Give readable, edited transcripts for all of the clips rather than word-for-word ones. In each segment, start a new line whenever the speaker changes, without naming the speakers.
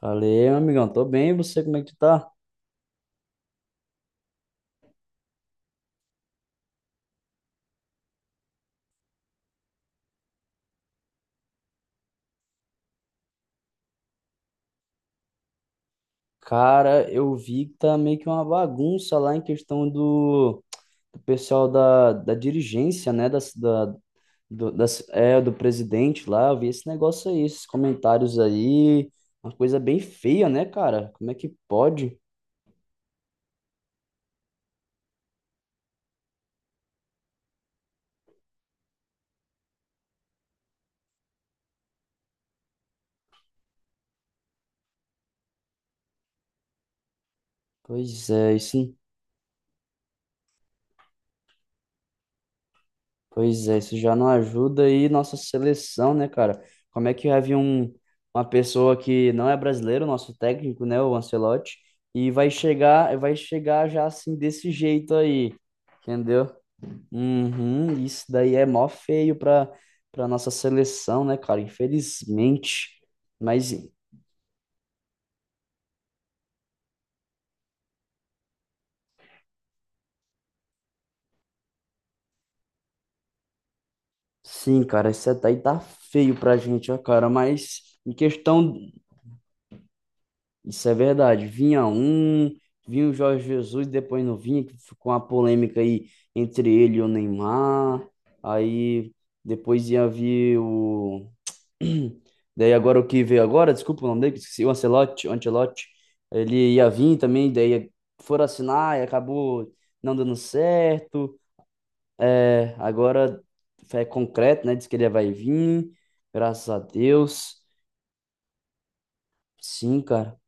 Falei, meu amigão, tô bem, e você como é que tu tá? Cara, eu vi que tá meio que uma bagunça lá em questão do pessoal da dirigência, né? Das, da, do, das, é, do presidente lá. Eu vi esse negócio aí, esses comentários aí. Uma coisa bem feia, né, cara? Como é que pode? Pois é, isso. Pois é, isso já não ajuda aí nossa seleção, né, cara? Como é que havia uma pessoa que não é brasileiro, nosso técnico, né, o Ancelotti, e vai chegar já assim desse jeito aí, entendeu? Uhum, isso daí é mó feio para nossa seleção, né, cara? Infelizmente. Mas sim, cara, isso daí tá feio pra gente, ó, cara, mas em questão. Isso é verdade. Vinha vinha o Jorge Jesus, depois não vinha, que ficou uma polêmica aí entre ele e o Neymar. Aí depois ia vir o. Daí agora o que veio agora, desculpa o nome dele, que esqueci, o Ancelotti, o Ancelotti. Ele ia vir também, daí foram assinar e acabou não dando certo. É, agora é concreto, né? Diz que ele vai vir, graças a Deus. Sim, cara,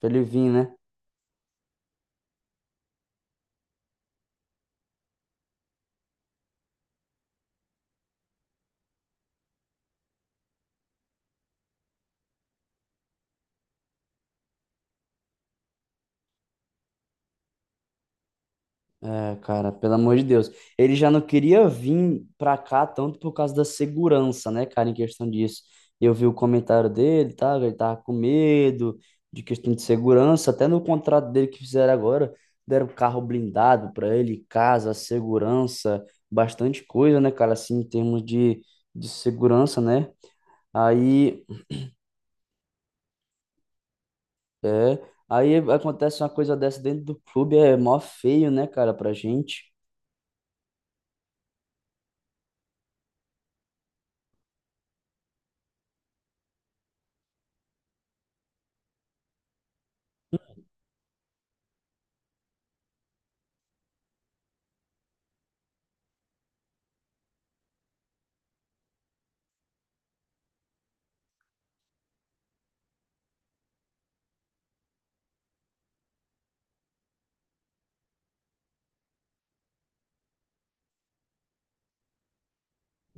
pra ele vir, né? É, cara, pelo amor de Deus. Ele já não queria vir pra cá tanto por causa da segurança, né, cara, em questão disso. Eu vi o comentário dele, tá? Ele tava com medo de questão de segurança. Até no contrato dele que fizeram agora, deram carro blindado pra ele, casa, segurança, bastante coisa, né, cara, assim, em termos de segurança, né? Aí, é, aí acontece uma coisa dessa dentro do clube, é mó feio, né, cara, pra gente.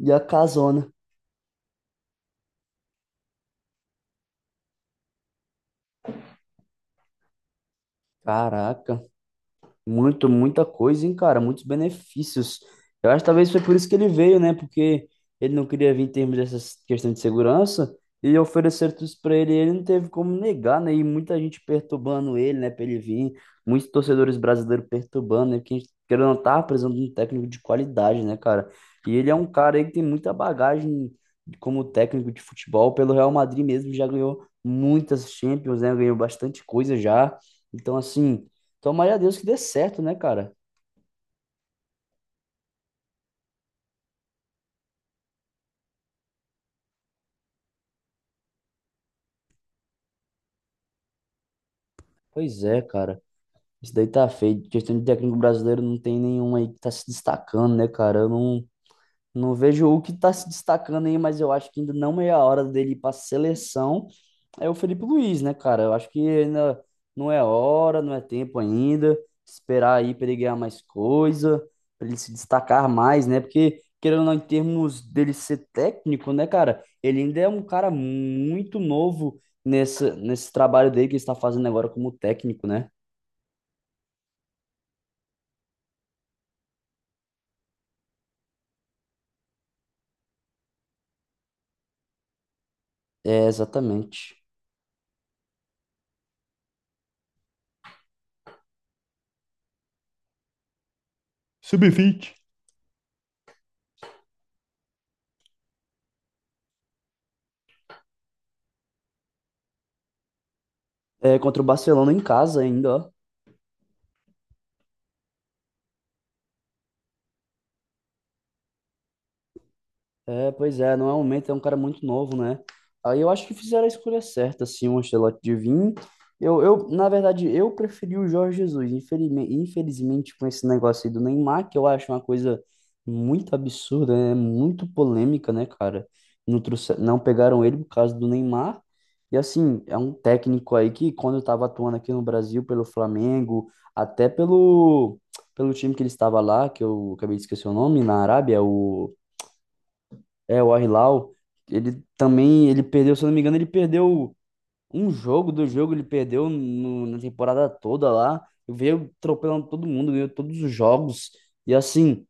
E a casona. Caraca. Muito, muita coisa, hein, cara? Muitos benefícios. Eu acho que talvez foi por isso que ele veio, né? Porque ele não queria vir em termos dessa questão de segurança e ofereceram tudo isso pra ele e ele não teve como negar, né? E muita gente perturbando ele, né, pra ele vir. Muitos torcedores brasileiros perturbando, né? Porque a gente querendo ou não tá precisando de um técnico de qualidade, né, cara? E ele é um cara aí que tem muita bagagem como técnico de futebol. Pelo Real Madrid mesmo já ganhou muitas Champions, né? Ganhou bastante coisa já. Então, assim. Tomara a Deus que dê certo, né, cara? Pois é, cara. Isso daí tá feio. Questão de técnico brasileiro, não tem nenhum aí que tá se destacando, né, cara? Eu não, não vejo o que tá se destacando aí, mas eu acho que ainda não é a hora dele ir pra seleção. É o Felipe Luiz, né, cara? Eu acho que ainda não é hora, não é tempo ainda. Esperar aí para ele ganhar mais coisa, para ele se destacar mais, né? Porque, querendo ou não, em termos dele ser técnico, né, cara? Ele ainda é um cara muito novo nesse trabalho dele que ele está fazendo agora como técnico, né? É, exatamente. Sub-20. É, contra o Barcelona em casa ainda, ó. É, pois é, não é um momento, é um cara muito novo, né? Aí eu acho que fizeram a escolha certa, assim, o Ancelotti de vir. Na verdade, eu preferi o Jorge Jesus, infelizmente, infelizmente com esse negócio aí do Neymar, que eu acho uma coisa muito absurda, né? Muito polêmica, né, cara? Não, trouxe, não pegaram ele por causa do Neymar. E assim, é um técnico aí que quando eu tava atuando aqui no Brasil pelo Flamengo, até pelo time que ele estava lá, que eu acabei de esquecer o nome, na Arábia, o é, o Al-Hilal, ele também, ele perdeu, se eu não me engano, ele perdeu um jogo, do jogo ele perdeu no- na temporada toda lá, veio atropelando todo mundo, ganhou todos os jogos, e assim,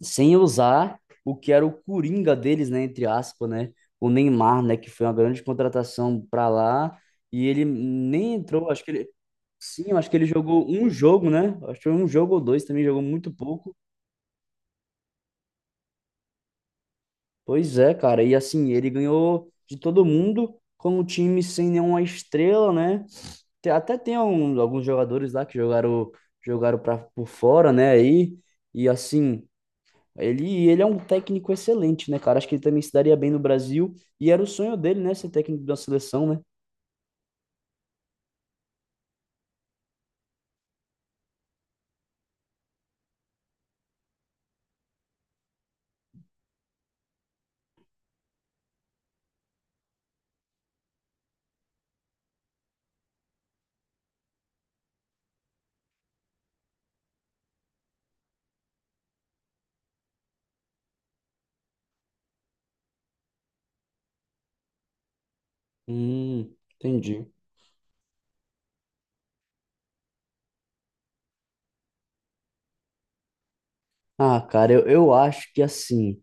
sem usar o que era o coringa deles, né, entre aspas, né, o Neymar, né, que foi uma grande contratação pra lá, e ele nem entrou, acho que ele, sim, eu acho que ele jogou um jogo, né, acho que foi um jogo ou dois também, jogou muito pouco. Pois é, cara. E assim, ele ganhou de todo mundo com um time sem nenhuma estrela, né? Te- Até tem um- alguns jogadores lá que jogaram, jogaram para por fora, né? Aí e assim, ele é um técnico excelente, né, cara? Acho que ele também se daria bem no Brasil e era o sonho dele, né, ser técnico da seleção, né? Entendi. Ah, cara, eu acho que assim.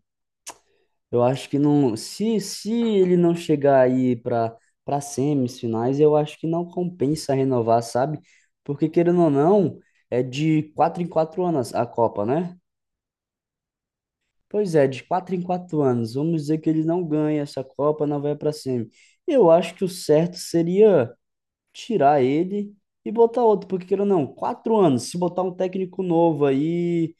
Eu acho que não. Se ele não chegar aí para semifinais, eu acho que não compensa renovar, sabe? Porque, querendo ou não, é de quatro em quatro anos a Copa, né? Pois é, de quatro em quatro anos. Vamos dizer que ele não ganha essa Copa, não vai para semi. Eu acho que o certo seria tirar ele e botar outro, porque, querendo ou não, quatro anos. Se botar um técnico novo aí.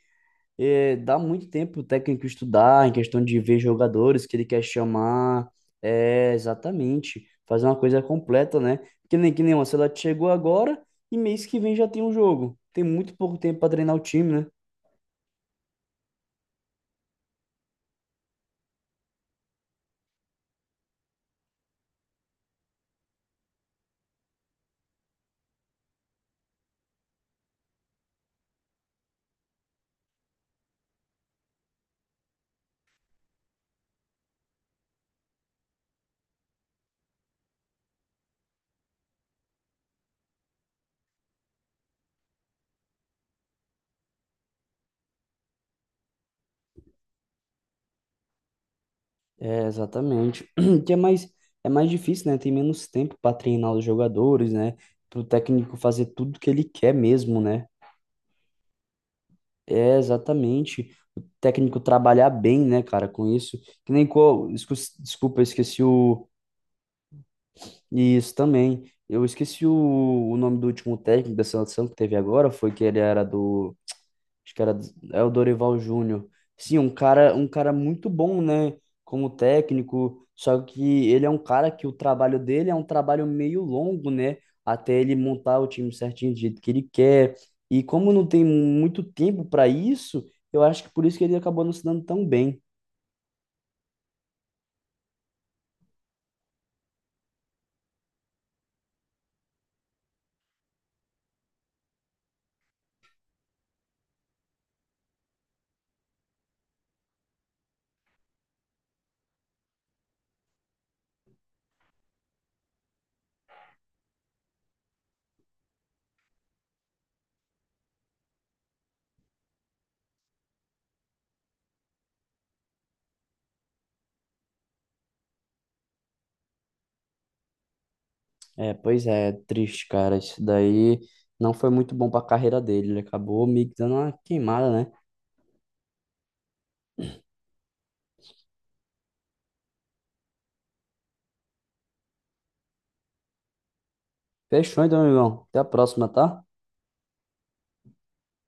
É, dá muito tempo o técnico estudar em questão de ver jogadores que ele quer chamar. É, exatamente. Fazer uma coisa completa, né? Que nem uma, se ela chegou agora e mês que vem já tem um jogo. Tem muito pouco tempo para treinar o time, né? É, exatamente. Que é mais difícil, né? Tem menos tempo para treinar os jogadores, né? Para o técnico fazer tudo que ele quer mesmo, né? É, exatamente. O técnico trabalhar bem, né, cara, com isso. Que nem qual. Escu- Desculpa, eu esqueci o. Isso também. Eu esqueci o nome do último técnico da seleção que teve agora, foi que ele era do, acho que era do- é o Dorival Júnior. Sim, um cara muito bom, né, como técnico, só que ele é um cara que o trabalho dele é um trabalho meio longo, né, até ele montar o time certinho do jeito que ele quer. E como não tem muito tempo para isso, eu acho que por isso que ele acabou não se dando tão bem. É, pois é, triste, cara. Isso daí não foi muito bom pra carreira dele. Ele acabou meio que dando uma queimada, né? Fechou então, amigão. Até a próxima, tá?